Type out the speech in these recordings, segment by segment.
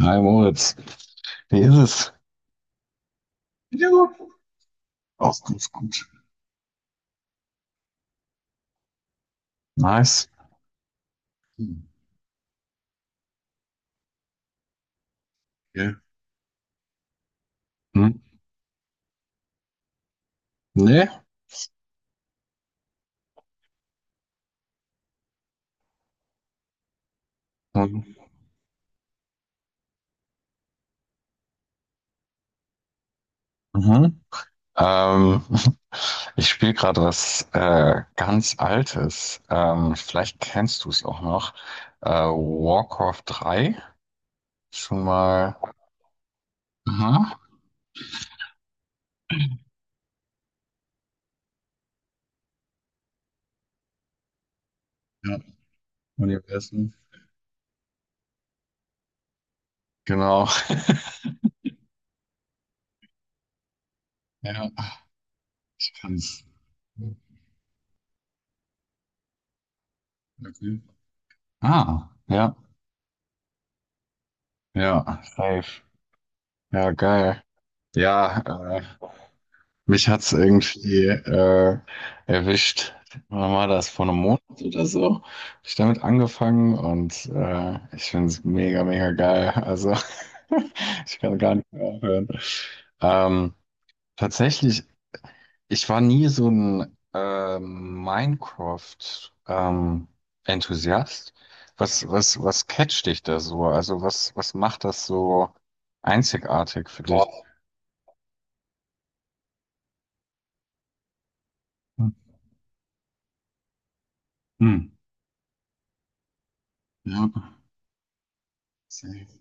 Hi Moritz, wie ist es? Ja, auch ganz gut. Nice. Hm, okay. Hm? Nee? Hm. Mhm. Ähm, ich spiele gerade was ganz Altes. Vielleicht kennst du es auch noch. Warcraft 3. Schon mal. Aha. Ja, Universum. Genau. Ja, ich kann's. Okay. Ah, ja. Ja, safe. Ja, geil. Ja, mich hat's irgendwie erwischt. Wann war das? Vor einem Monat oder so? Hab ich damit angefangen und ich find's mega, mega geil. Also ich kann gar nicht mehr aufhören. Ähm, Tatsächlich, ich war nie so ein Minecraft Enthusiast. Was catcht dich da so? Also was macht das so einzigartig für dich? Hm. Ja, safe.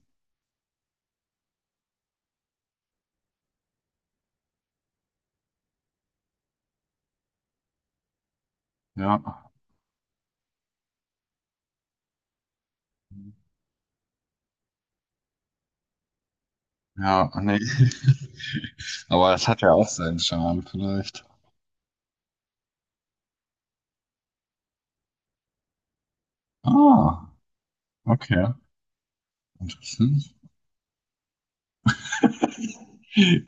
Ja. Ja, nee. Aber das hat ja auch seinen Charme vielleicht. Ah, okay. Interessant.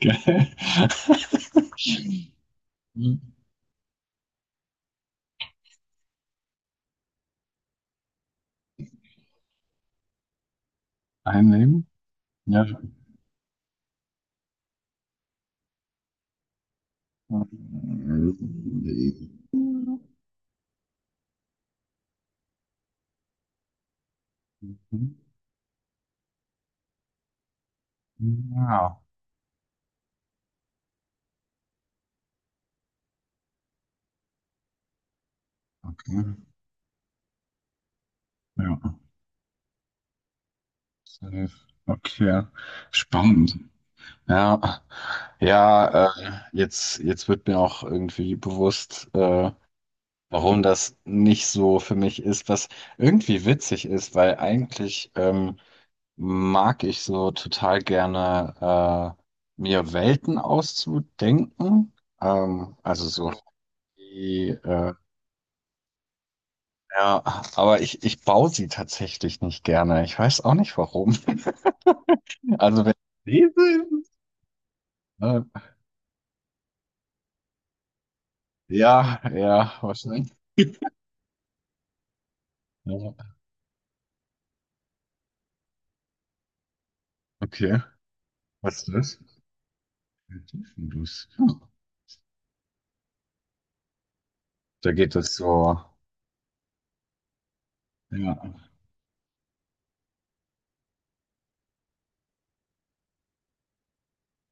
Geil. Einnehmen? Ja. Ja, okay. Ja, safe. Okay. Spannend. Ja, ja, jetzt wird mir auch irgendwie bewusst, warum das nicht so für mich ist, was irgendwie witzig ist, weil eigentlich mag ich so total gerne mir Welten auszudenken. Also so die, ja, aber ich baue sie tatsächlich nicht gerne. Ich weiß auch nicht warum. Also wenn ich lese? Äh, ja, ja, wahrscheinlich. Ja. Okay, was ist das? Tiefendusch. Hm. Da geht es so. Ja.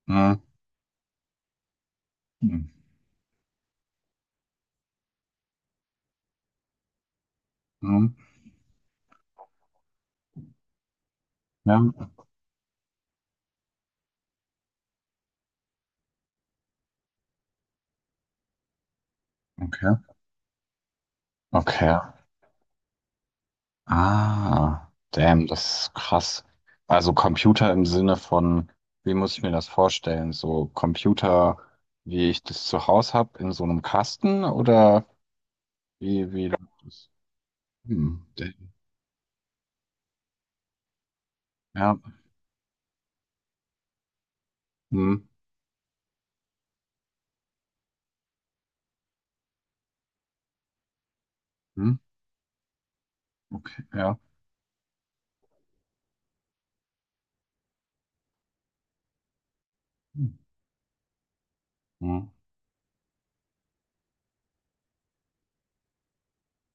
Hm. Hm. Hm. Ja, okay. Okay. Ah, damn, das ist krass. Also Computer im Sinne von, wie muss ich mir das vorstellen? So Computer, wie ich das zu Hause habe, in so einem Kasten oder wie läuft das? Hm, damn. Ja, hm, hm, okay, ja. Hm, hm,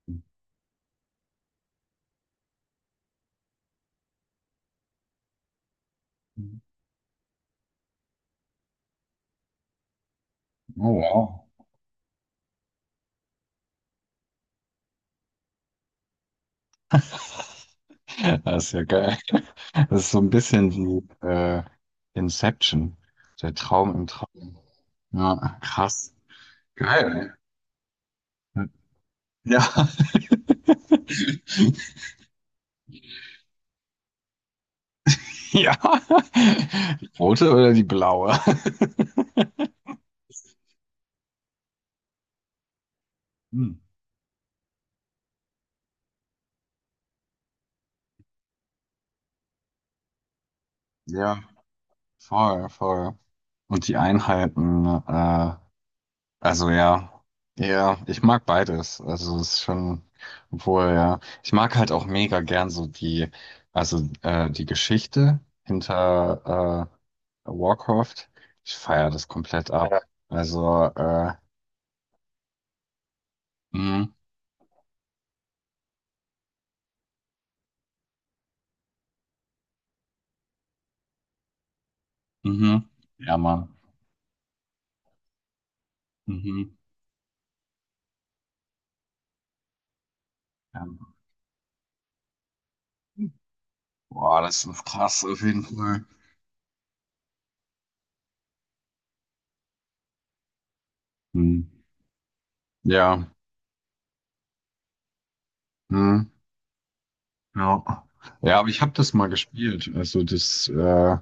hm. Hm. Oh, wow. Das ist ja geil. Das ist so ein bisschen wie Inception, der Traum im Traum. Ja, krass. Geil. Ja. Ja. Die rote oder die blaue? Hm. Ja, voll, voll. Und die Einheiten, also ja, ja, ich mag beides. Also es ist schon, obwohl, ja, ich mag halt auch mega gern so die, also die Geschichte hinter Warcraft. Ich feiere das komplett ab. Also, mhm, mhm, ja, Mann. Mhm, ja. Boah, das ist krass, auf jeden Fall. Hm. Ja, hm. Ja. Ja, aber ich habe das mal gespielt. Also das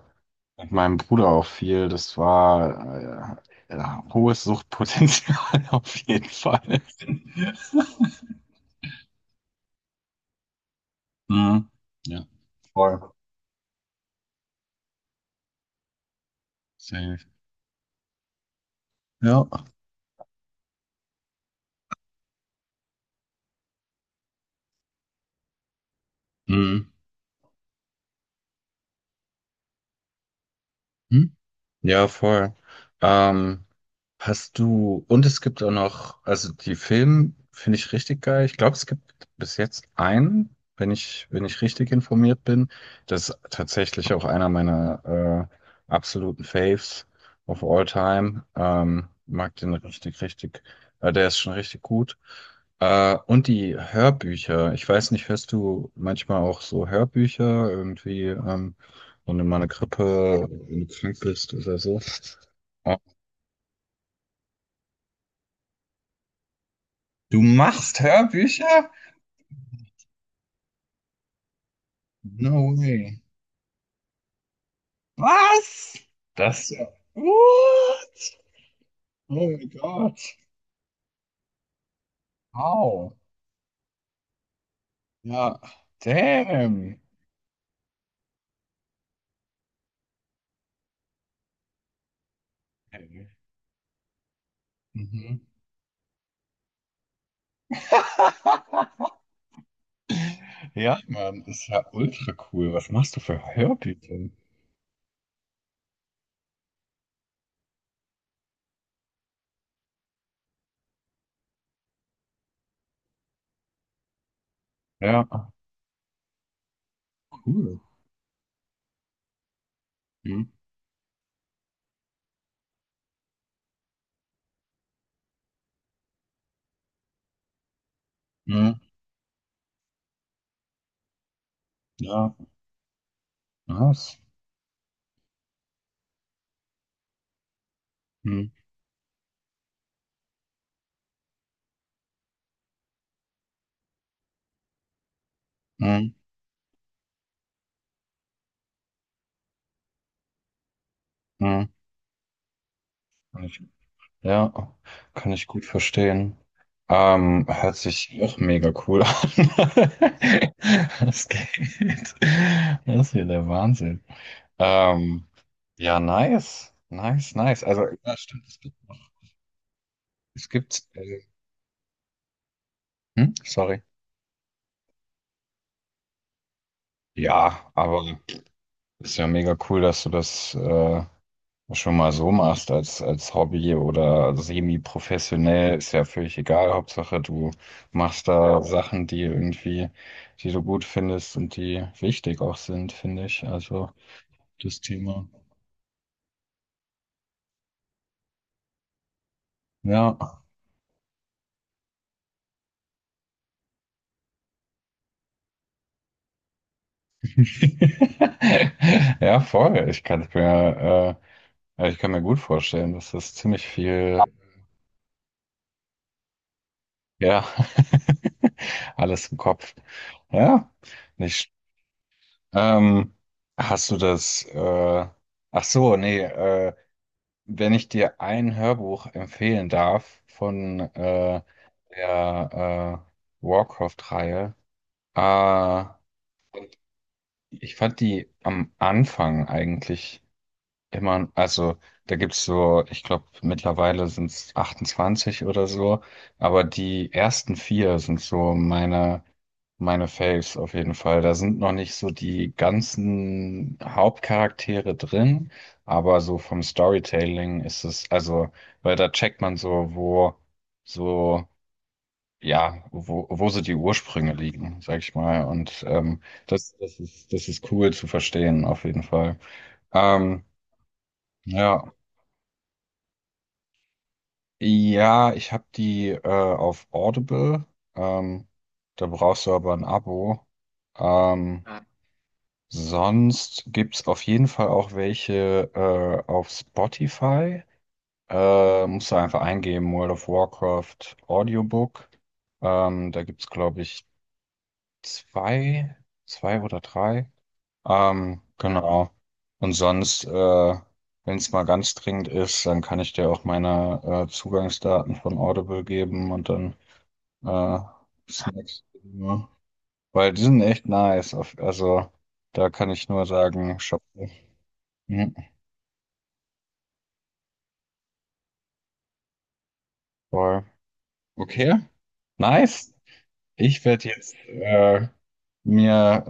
mit meinem Bruder auch viel. Das war ja, hohes Suchtpotenzial auf jeden Fall. Hm. Ja, voll. Safe. Ja. Hm. Hm. Ja, voll. Ähm, und es gibt auch noch, also die Filme finde ich richtig geil. Ich glaube, es gibt bis jetzt einen, wenn ich richtig informiert bin. Das ist tatsächlich auch einer meiner absoluten Faves of all time. Mag den richtig, richtig. Der ist schon richtig gut. Und die Hörbücher. Ich weiß nicht, hörst du manchmal auch so Hörbücher irgendwie, wenn du mal eine Grippe, wenn du krank bist oder so? Du machst Hörbücher? No way. Was? Das ist ja. What? Oh mein Gott. Wow. Ja. Damn. Mhm. Ha, ja, Mann, ist ja ultra cool. Was machst du für Hörbücher? Ja, cool. Hm, hm, ja, was? Hm, hm, hm. Ja, kann ich gut verstehen. Hört sich auch mega cool an. Das geht. Das ist ja der Wahnsinn. Ähm, ja, nice. Nice, nice. Also, ja, stimmt, es gibt noch. Es gibt, hm? Sorry. Ja, aber ist ja mega cool, dass du das schon mal so machst als, Hobby oder semi-professionell, ist ja völlig egal. Hauptsache, du machst da Sachen, die irgendwie, die du gut findest und die wichtig auch sind, finde ich. Also das Thema. Ja. Ja, voll. Ich kann mir gut vorstellen, dass das ziemlich viel, ja, alles im Kopf. Ja, nicht. Ähm, hast du das, äh, Ach so, nee, wenn ich dir ein Hörbuch empfehlen darf von der Warcraft-Reihe, äh, ich fand die am Anfang eigentlich. Immer, also da gibt's so, ich glaube, mittlerweile sind's 28 oder so, aber die ersten vier sind so meine Faves auf jeden Fall. Da sind noch nicht so die ganzen Hauptcharaktere drin, aber so vom Storytelling ist es, also, weil da checkt man so, wo, so, ja, wo, wo so die Ursprünge liegen, sag ich mal. Und das ist cool zu verstehen, auf jeden Fall. Ähm, ja. Ja, ich habe die auf Audible. Ähm, Da brauchst du aber ein Abo. Ah. Sonst gibt's auf jeden Fall auch welche auf Spotify. Musst du einfach eingeben, World of Warcraft Audiobook. Da gibt's glaube ich, zwei, zwei oder drei. Genau. Und sonst, wenn es mal ganz dringend ist, dann kann ich dir auch meine Zugangsdaten von Audible geben und dann äh, Snacks. Ja. Weil die sind echt nice. Also da kann ich nur sagen, shop. Mhm, voll. Okay, nice. Ich werde jetzt mir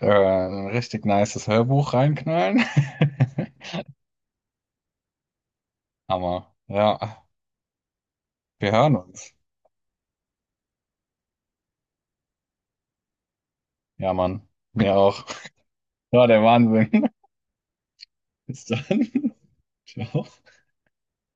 ein richtig nices Hörbuch reinknallen. Hammer. Ja, wir hören uns. Ja, Mann. Mir auch. Ja, der Wahnsinn. Bis dann. Ciao.